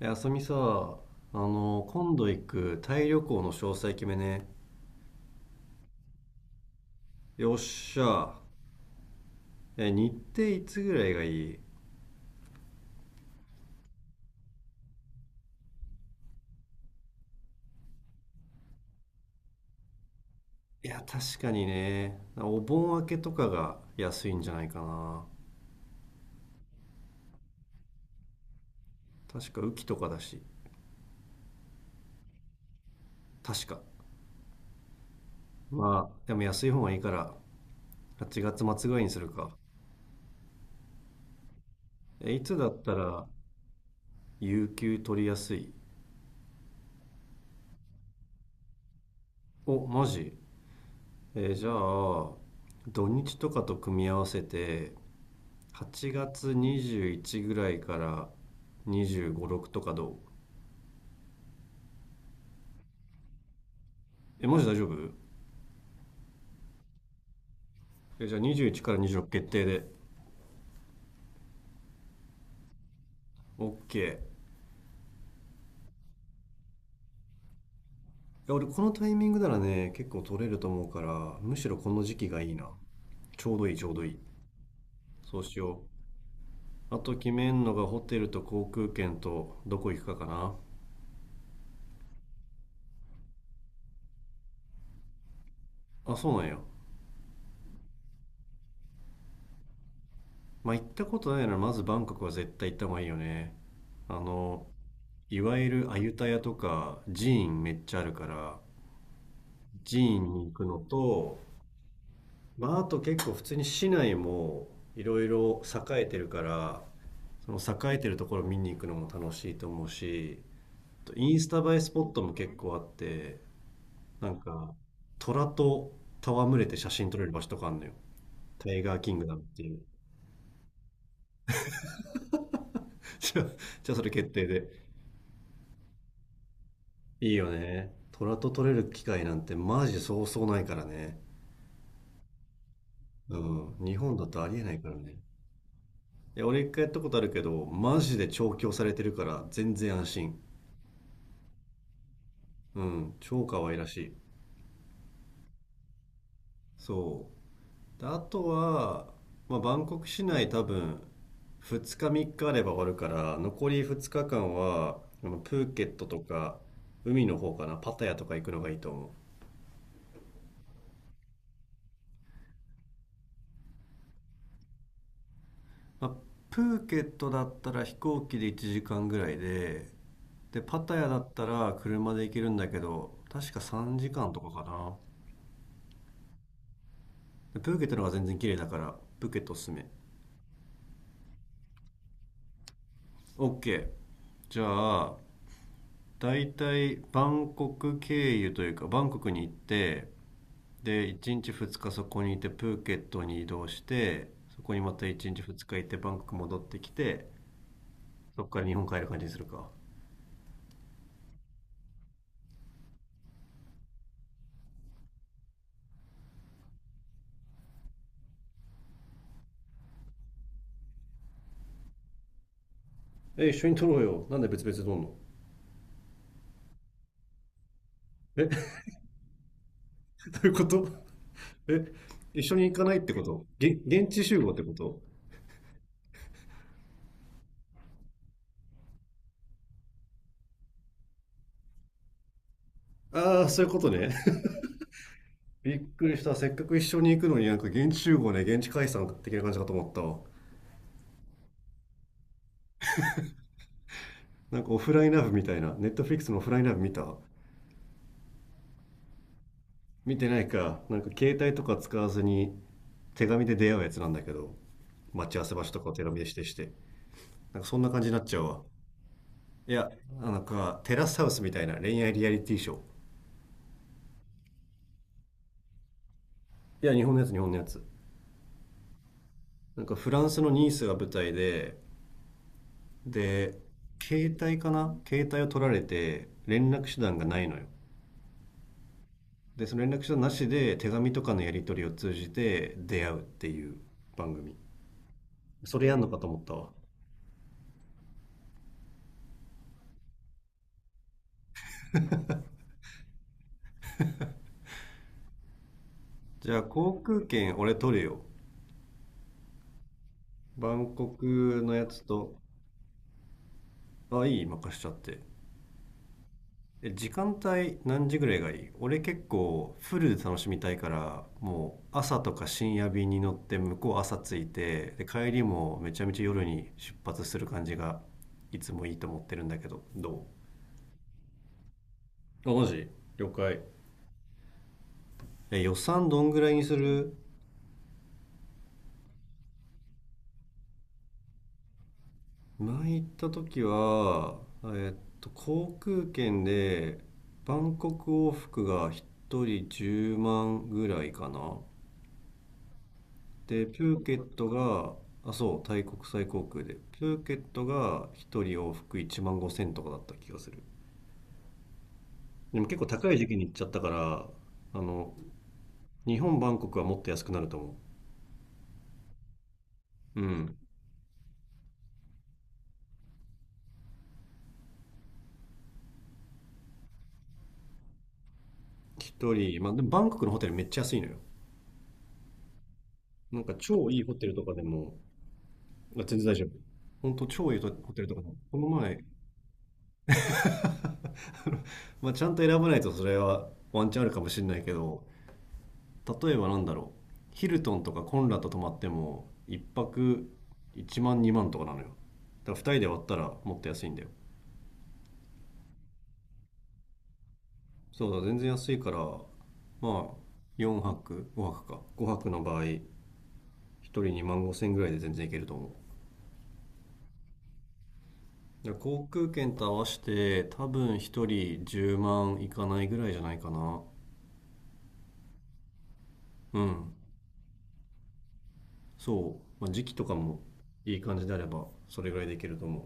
あさみさ、今度行くタイ旅行の詳細決めね。よっしゃ。日程いつぐらいがいい？いや、確かにね、お盆明けとかが安いんじゃないかな。確か雨季とかだし。確かまあでも安い方がいいから、8月末ぐらいにするか。いつだったら有給取りやすい？お、マジ？じゃあ、土日とかと組み合わせて、8月21ぐらいから25、6とかどう？え、マジ大丈夫？え、じゃあ21から26決定で。OK。いや、俺このタイミングならね、結構取れると思うから、むしろこの時期がいいな。ちょうどいい、ちょうどいい。そうしよう。あと決めんのがホテルと航空券とどこ行くかかな。あ、そうなんや。まあ、行ったことないならまずバンコクは絶対行った方がいいよね。あの、いわゆるアユタヤとか寺院めっちゃあるから、寺院に行くのと、まあ、あと結構普通に市内もいろいろ栄えてるから、その栄えてるところ見に行くのも楽しいと思うし、インスタ映えスポットも結構あって、なんか虎と戯れて写真撮れる場所とかあるのよ。タイガーキングダムっていう。 じゃあ じゃあそれ決定で。いいよね、虎と撮れる機会なんてマジでそうそうないからね。うん、日本だとありえないからね。いや、俺一回やったことあるけど、マジで調教されてるから全然安心。うん、超可愛らしい。そう。で、あとは、まあ、バンコク市内多分、2日3日あれば終わるから、残り2日間は、あのプーケットとか、海の方かな、パタヤとか行くのがいいと思う。まあ、プーケットだったら飛行機で1時間ぐらいで、で、パタヤだったら車で行けるんだけど、確か3時間とかかな。プーケットの方が全然綺麗だから、プーケットおすすめ。 OK。 じゃあ、だいたいバンコク経由というかバンコクに行って、で1日2日そこにいて、プーケットに移動してそこにまた1日2日行って、バンコク戻ってきて、そこから日本帰る感じにするか。一緒に撮ろうよ、なんで別々で撮んの？え、 どういうこと？え一緒に行かないってことげ現地集合ってこと？ああ、そういうことね。びっくりした。せっかく一緒に行くのになんか現地集合ね、現地解散的な感じかと思ったわ。なんかオフラインラブみたいな、ネットフリックスのオフラインラブ見た？見てないか。なんか携帯とか使わずに手紙で出会うやつなんだけど、待ち合わせ場所とかを手紙で指定して。なんかそんな感じになっちゃうわ。いや、なんかテラスハウスみたいな恋愛リアリティショー。いや、日本のやつ、日本のやつ。なんかフランスのニースが舞台で、で、携帯かな、携帯を取られて連絡手段がないのよ。でその連絡手段なしで手紙とかのやり取りを通じて出会うっていう番組。それやんのかと思ったわ。じゃあ航空券俺取るよ、バンコクのやつと。あ、いい、任しちゃって。時間帯何時ぐらいがいい？俺結構フルで楽しみたいから、もう朝とか深夜便に乗って向こう朝着いて、で帰りもめちゃめちゃ夜に出発する感じがいつもいいと思ってるんだけど、どう、あ、マジ？了解。予算どんぐらいにする？前行った時は、航空券でバンコク往復が1人10万ぐらいかな。で、プーケットが、あ、そう、タイ国際航空で。プーケットが1人往復1万5千とかだった気がする。でも結構高い時期に行っちゃったから、あの、日本、バンコクはもっと安くなると思う。うん。1人、まあでもバンコクのホテルめっちゃ安いのよ。なんか超いいホテルとかでも、まあ全然大丈夫。本当超いいホテルとかも、この前、まあ、ちゃんと選ばないとそれはワンチャンあるかもしれないけど、例えばなんだろう、ヒルトンとかコンラッド泊まっても、一泊1万2万とかなのよ。だから2人で割ったらもっと安いんだよ。そうだ、全然安いから、まあ、4泊、5泊か。5泊の場合、1人2万5千円ぐらいで全然いけると思う。だから航空券と合わせて、多分1人10万いかないぐらいじゃないかな。うん。そう、まあ、時期とかもいい感じであればそれぐらいできると思う。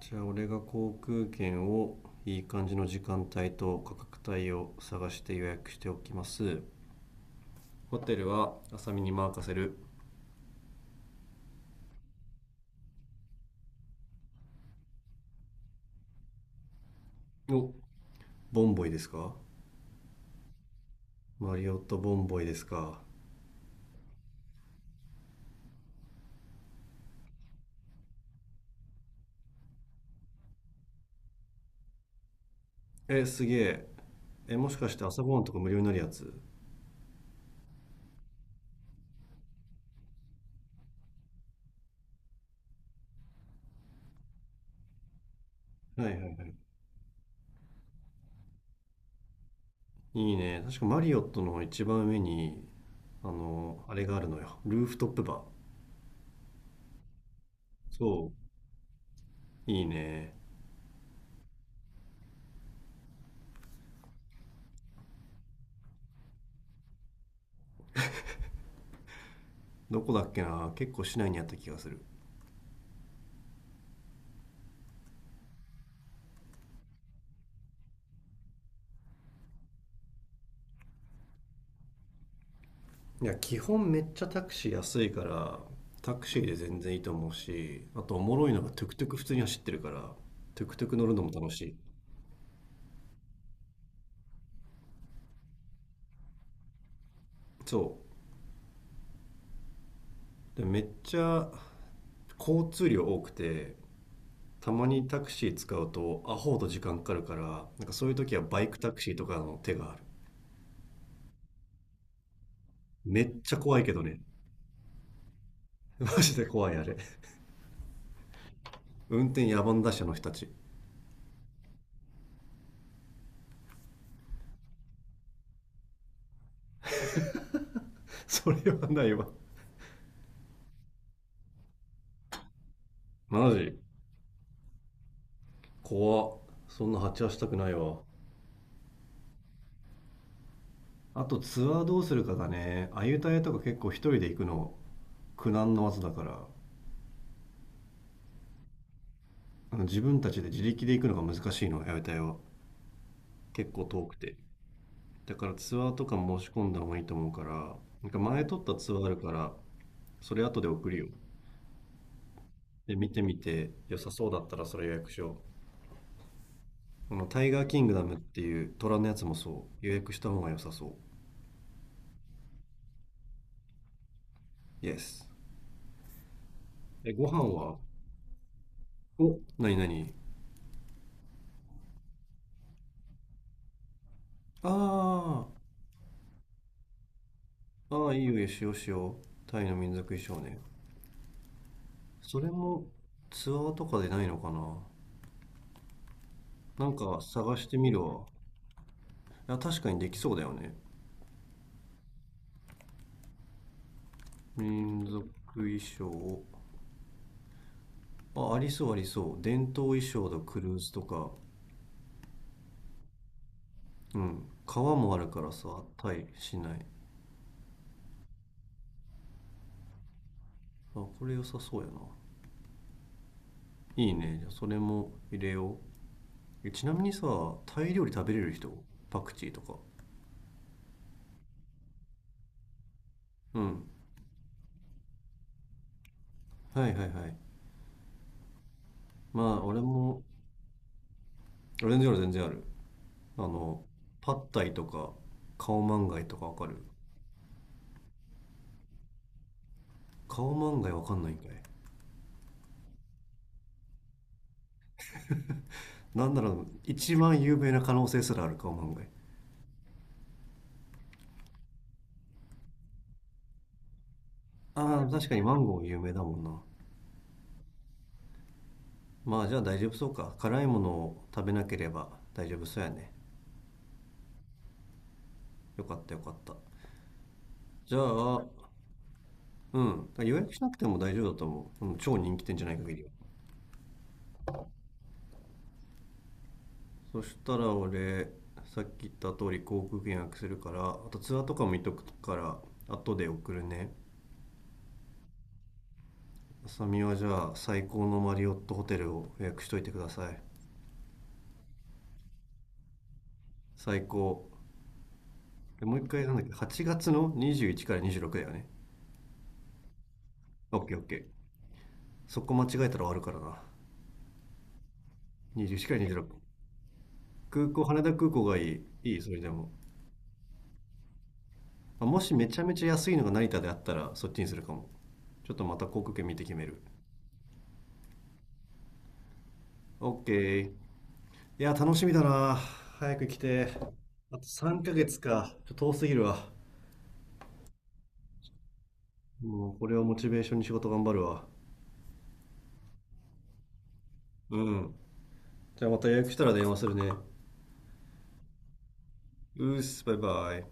じゃあ俺が航空券をいい感じの時間帯と価格帯を探して予約しておきます。ホテルは浅見に任せる。お、ボンボイですか？マリオットボンボイですか？え、すげえ。もしかして朝ごはんとか無料になるやつ？はいはいはい。いいね、確かマリオットの一番上に、あれがあるのよ、ルーフトップバー。そう、いいね。どこだっけな、結構市内にあった気がする。いや基本めっちゃタクシー安いから、タクシーで全然いいと思うし、あとおもろいのがトゥクトゥク普通に走ってるから、トゥクトゥク乗るのも楽しい。そうで、めっちゃ交通量多くて、たまにタクシー使うとアホほど時間かかるから、なんかそういう時はバイクタクシーとかの手がある。めっちゃ怖いけどね。 マジで怖いあれ、運転野蛮打者の人たち。それはないわ。マジ怖っ。そんな鉢合わせたくないわ。あとツアーどうするかだね。アユタヤとか結構一人で行くの苦難の技だから、自分たちで自力で行くのが難しいのアユタヤは、結構遠くて。だからツアーとか申し込んだ方がいいと思うから、なんか前撮ったツアーあるから、それ後で送るよ。で見てみて良さそうだったらそれ予約しよう。このタイガーキングダムっていう虎のやつもそう予約した方が良さそう。イエス。ご飯は。お、なになに？あー、あー、いいよいいよ、しようしよう。タイの民族衣装ね。それもツアーとかでないのかな。なんか探してみるわ。いや、確かにできそうだよね。民族衣装。あ、ありそうありそう。伝統衣装とクルーズとか。うん。川もあるからさ、タイ、市内。あ、これ良さそうやな。いいね。じゃあそれも入れよう。ちなみにさ、タイ料理食べれる人？パクチーとか。うん。はいはいはい。まあ、俺も、全然ある全然ある。あの、パッタイとか、カオマンガイとかわかる？顔漫画わかんないんかい。なんだろう、一番有名な可能性すらある顔漫画。ああ、確かにマンゴー有名だもんな。まあじゃあ大丈夫そうか。辛いものを食べなければ大丈夫そうやね。よかったよかった。じゃあ、うん。予約しなくても大丈夫だと思う。うん、超人気店じゃない限りは。そしたら俺、さっき言った通り航空券予約するから、あとツアーとかも見とくから、後で送るね。あさみはじゃあ最高のマリオットホテルを予約しといてください。最高。でもう一回なんだっけ、8月の21から26だよね。オッケーオッケー。そこ間違えたら終わるからな。21から26。空港、羽田空港がいい。いい、それでも。まあもしめちゃめちゃ安いのが成田であったら、そっちにするかも。ちょっとまた航空券見て決める。オッケー。いや、楽しみだな。早く来て。あと3ヶ月か。ちょっと遠すぎるわ。もうこれをモチベーションに仕事頑張るわ。うん。じゃあまた予約したら電話するね。うーす、バイバイ。